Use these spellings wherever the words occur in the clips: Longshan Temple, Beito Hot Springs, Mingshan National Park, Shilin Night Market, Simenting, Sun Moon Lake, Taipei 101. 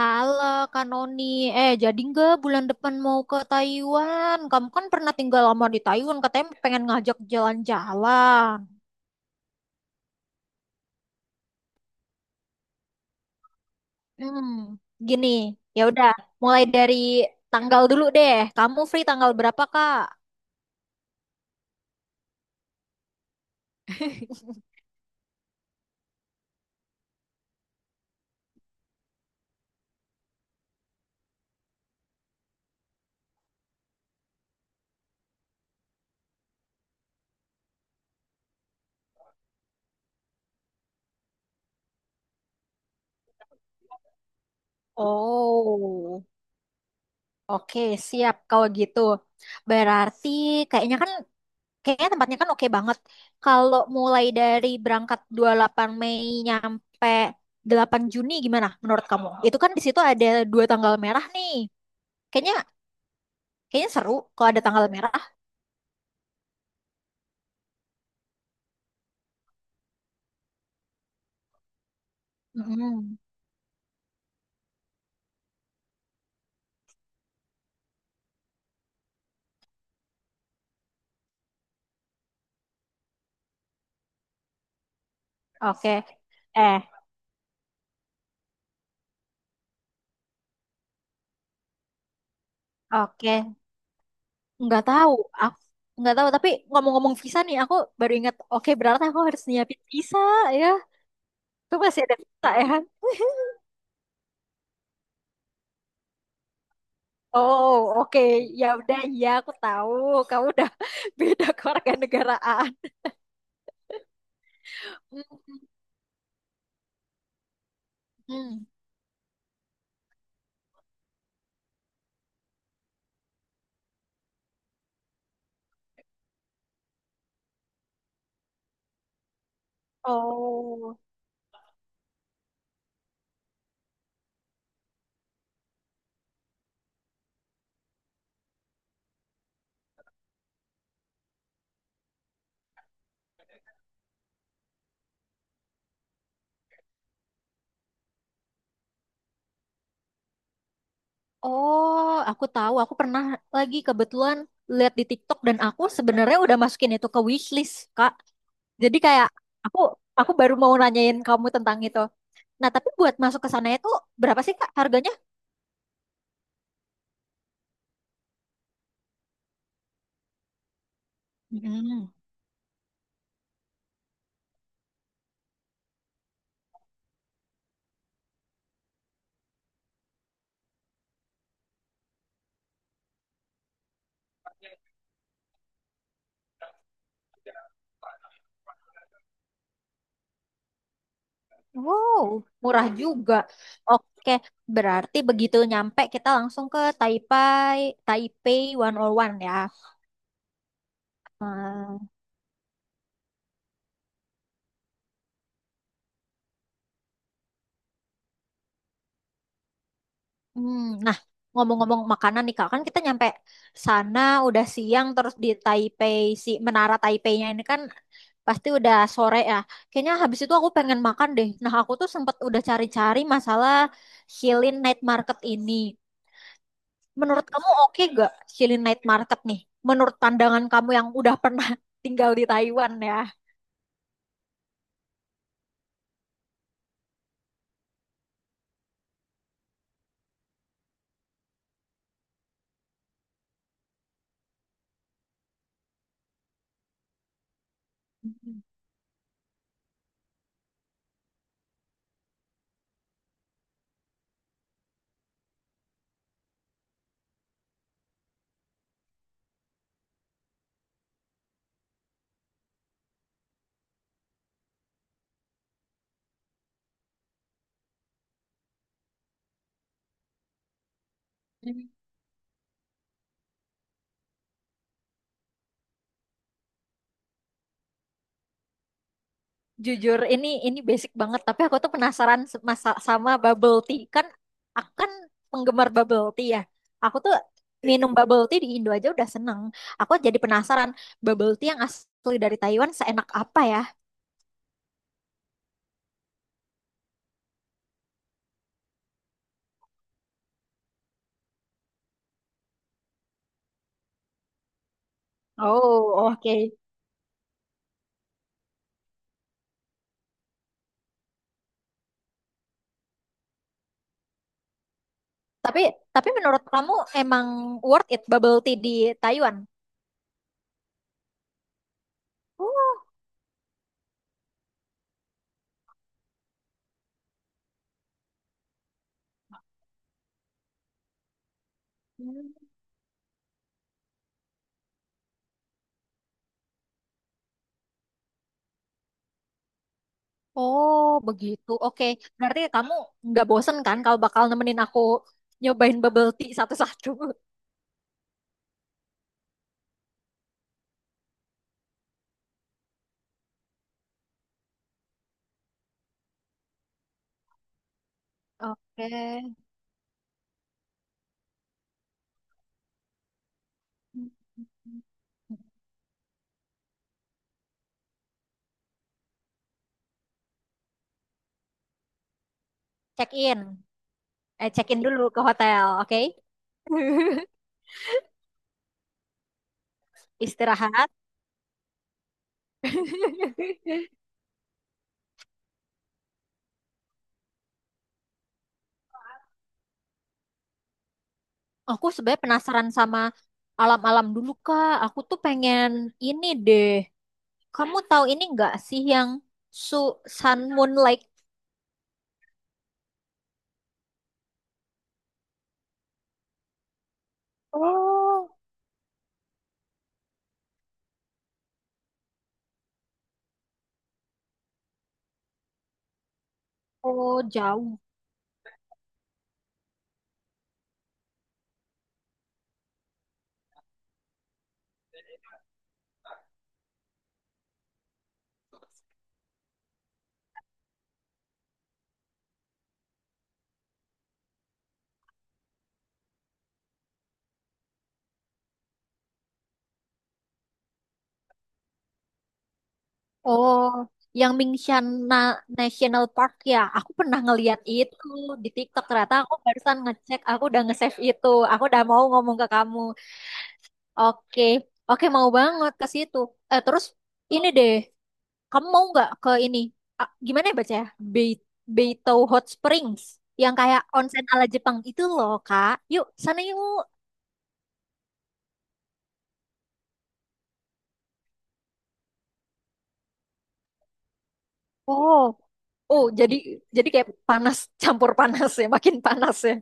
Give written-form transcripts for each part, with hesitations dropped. Halo Kak Noni, eh jadi nggak bulan depan mau ke Taiwan? Kamu kan pernah tinggal lama di Taiwan, katanya pengen ngajak jalan-jalan. Hmm, gini, ya udah, mulai dari tanggal dulu deh. Kamu free tanggal berapa Kak? Oh, oke, siap kalau gitu. Berarti kayaknya kan Kayaknya tempatnya kan oke banget. Kalau mulai dari berangkat 28 Mei nyampe 8 Juni gimana menurut kamu? Itu kan di situ ada dua tanggal merah nih. Kayaknya kayaknya seru kalau ada tanggal merah. Mm-mm. Oke. Eh, oke. Nggak tahu. Aku nggak tahu, tapi ngomong-ngomong visa nih aku baru ingat. Oke, berarti aku harus nyiapin visa ya. Itu masih ada visa ya kan? Oh, oke. Ya udah, ya aku tahu. Kamu udah beda kewarganegaraan. Hmm. Oh. Oh, aku tahu. Aku pernah lagi kebetulan lihat di TikTok dan aku sebenarnya udah masukin itu ke wishlist, Kak. Jadi kayak aku aku baru mau nanyain kamu tentang itu. Nah, tapi buat masuk ke sana itu berapa sih, Kak, harganya? Hmm. Wow, murah juga. Oke, berarti begitu nyampe kita langsung ke Taipei, Taipei 101 ya. Hmm. Hmm, nah, ngomong-ngomong makanan nih Kak, kan kita nyampe sana udah siang terus di Taipei si Menara Taipei-nya ini kan pasti udah sore ya. Kayaknya habis itu aku pengen makan deh. Nah, aku tuh sempet udah cari-cari masalah Shilin Night Market ini. Menurut kamu oke gak Shilin Night Market nih? Menurut pandangan kamu yang udah pernah tinggal di Taiwan ya. Jujur, ini basic banget, tapi aku tuh penasaran sama bubble tea. Kan aku kan penggemar bubble tea ya. Aku tuh minum bubble tea di Indo aja udah seneng. Aku jadi penasaran bubble tea yang asli dari Taiwan seenak apa ya? Oh, oke. Tapi tapi menurut kamu emang worth it bubble tea di Taiwan? Oh, hmm. Oh, begitu. Oke, berarti kamu nggak bosen kan kalau bakal nemenin aku nyobain bubble tea satu-satu? Oke. check in check in dulu ke hotel, oke. Istirahat. Aku sebenarnya penasaran sama alam-alam dulu Kak, aku tuh pengen ini deh, kamu tahu ini nggak sih yang su Sun Moon Lake? Oh. Oh, jauh. Oh, yang Mingshan National Park ya, aku pernah ngeliat itu di TikTok. Ternyata aku barusan ngecek, aku udah nge-save itu, aku udah mau ngomong ke kamu. Oke. Oke, mau banget ke situ. Eh, terus ini deh, kamu mau nggak ke ini? Ah, gimana ya baca ya? Bei- Beito Hot Springs. Yang kayak onsen ala Jepang itu loh, Kak. Yuk, sana yuk. Oh. Oh, jadi kayak panas campur panas ya, makin panas ya.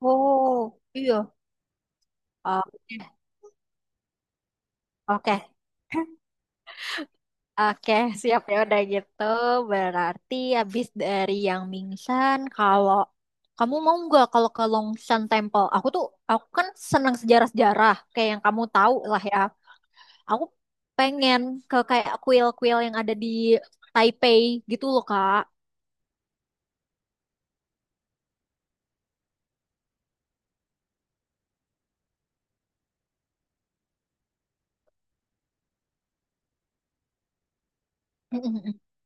Oh. Iya. Oke, oke, oke, siap ya udah gitu. Berarti habis dari yang Mingsan, kalau kamu mau nggak kalau ke Longshan Temple? Aku tuh, aku kan senang sejarah-sejarah, kayak yang kamu tahu lah ya. Aku pengen ke kayak kuil-kuil yang ada di Taipei gitu loh, Kak.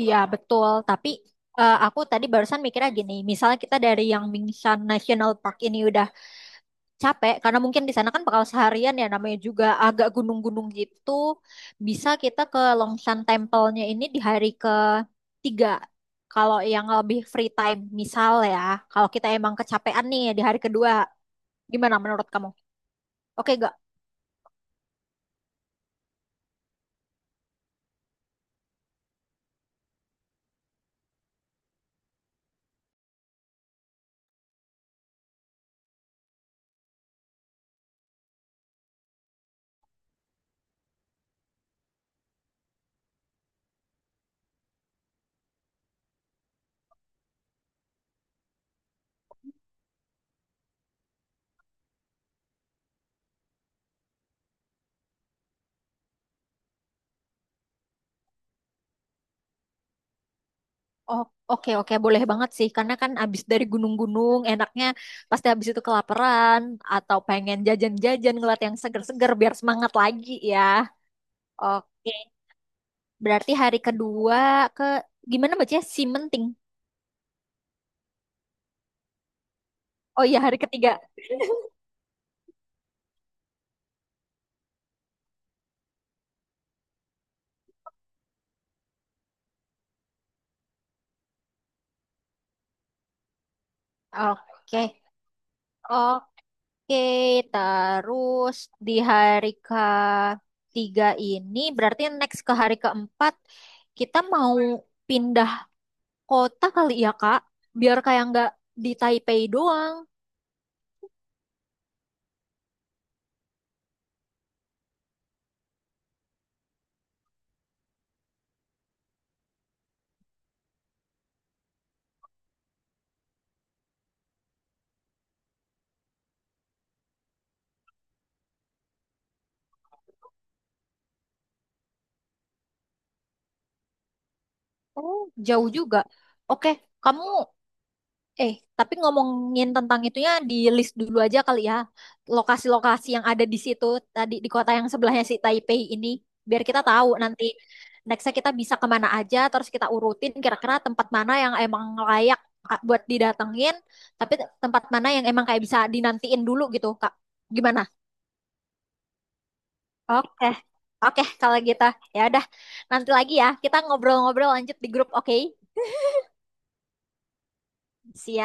Iya, betul. Tapi eh, aku tadi barusan mikirnya gini, misalnya kita dari yang Mingshan National Park ini udah capek, karena mungkin di sana kan bakal seharian ya, namanya juga agak gunung-gunung gitu. Bisa kita ke Longshan Temple-nya ini di hari ketiga. Kalau yang lebih free time, misal ya, kalau kita emang kecapean nih di hari kedua, gimana menurut kamu? Oke. Oh, oke, oke, boleh banget sih, karena kan abis dari gunung-gunung enaknya pasti abis itu kelaparan atau pengen jajan-jajan ngeliat yang seger-seger biar semangat lagi ya. Oke, berarti hari kedua ke, gimana bacanya, Simenting. Oh iya, hari ketiga. Oke. Oke, terus di hari ketiga ini berarti next ke hari keempat kita mau pindah kota kali ya, Kak, biar kayak nggak di Taipei doang. Oh, jauh juga. Oke, kamu, eh tapi ngomongin tentang itunya di list dulu aja kali ya. Lokasi-lokasi yang ada di situ tadi di kota yang sebelahnya si Taipei ini, biar kita tahu nanti nextnya kita bisa kemana aja, terus kita urutin kira-kira tempat mana yang emang layak Kak, buat didatengin, tapi tempat mana yang emang kayak bisa dinantiin dulu gitu Kak. Gimana? Oke. Oke, kalau gitu ya udah nanti lagi ya kita ngobrol-ngobrol lanjut di grup, oke? Siap.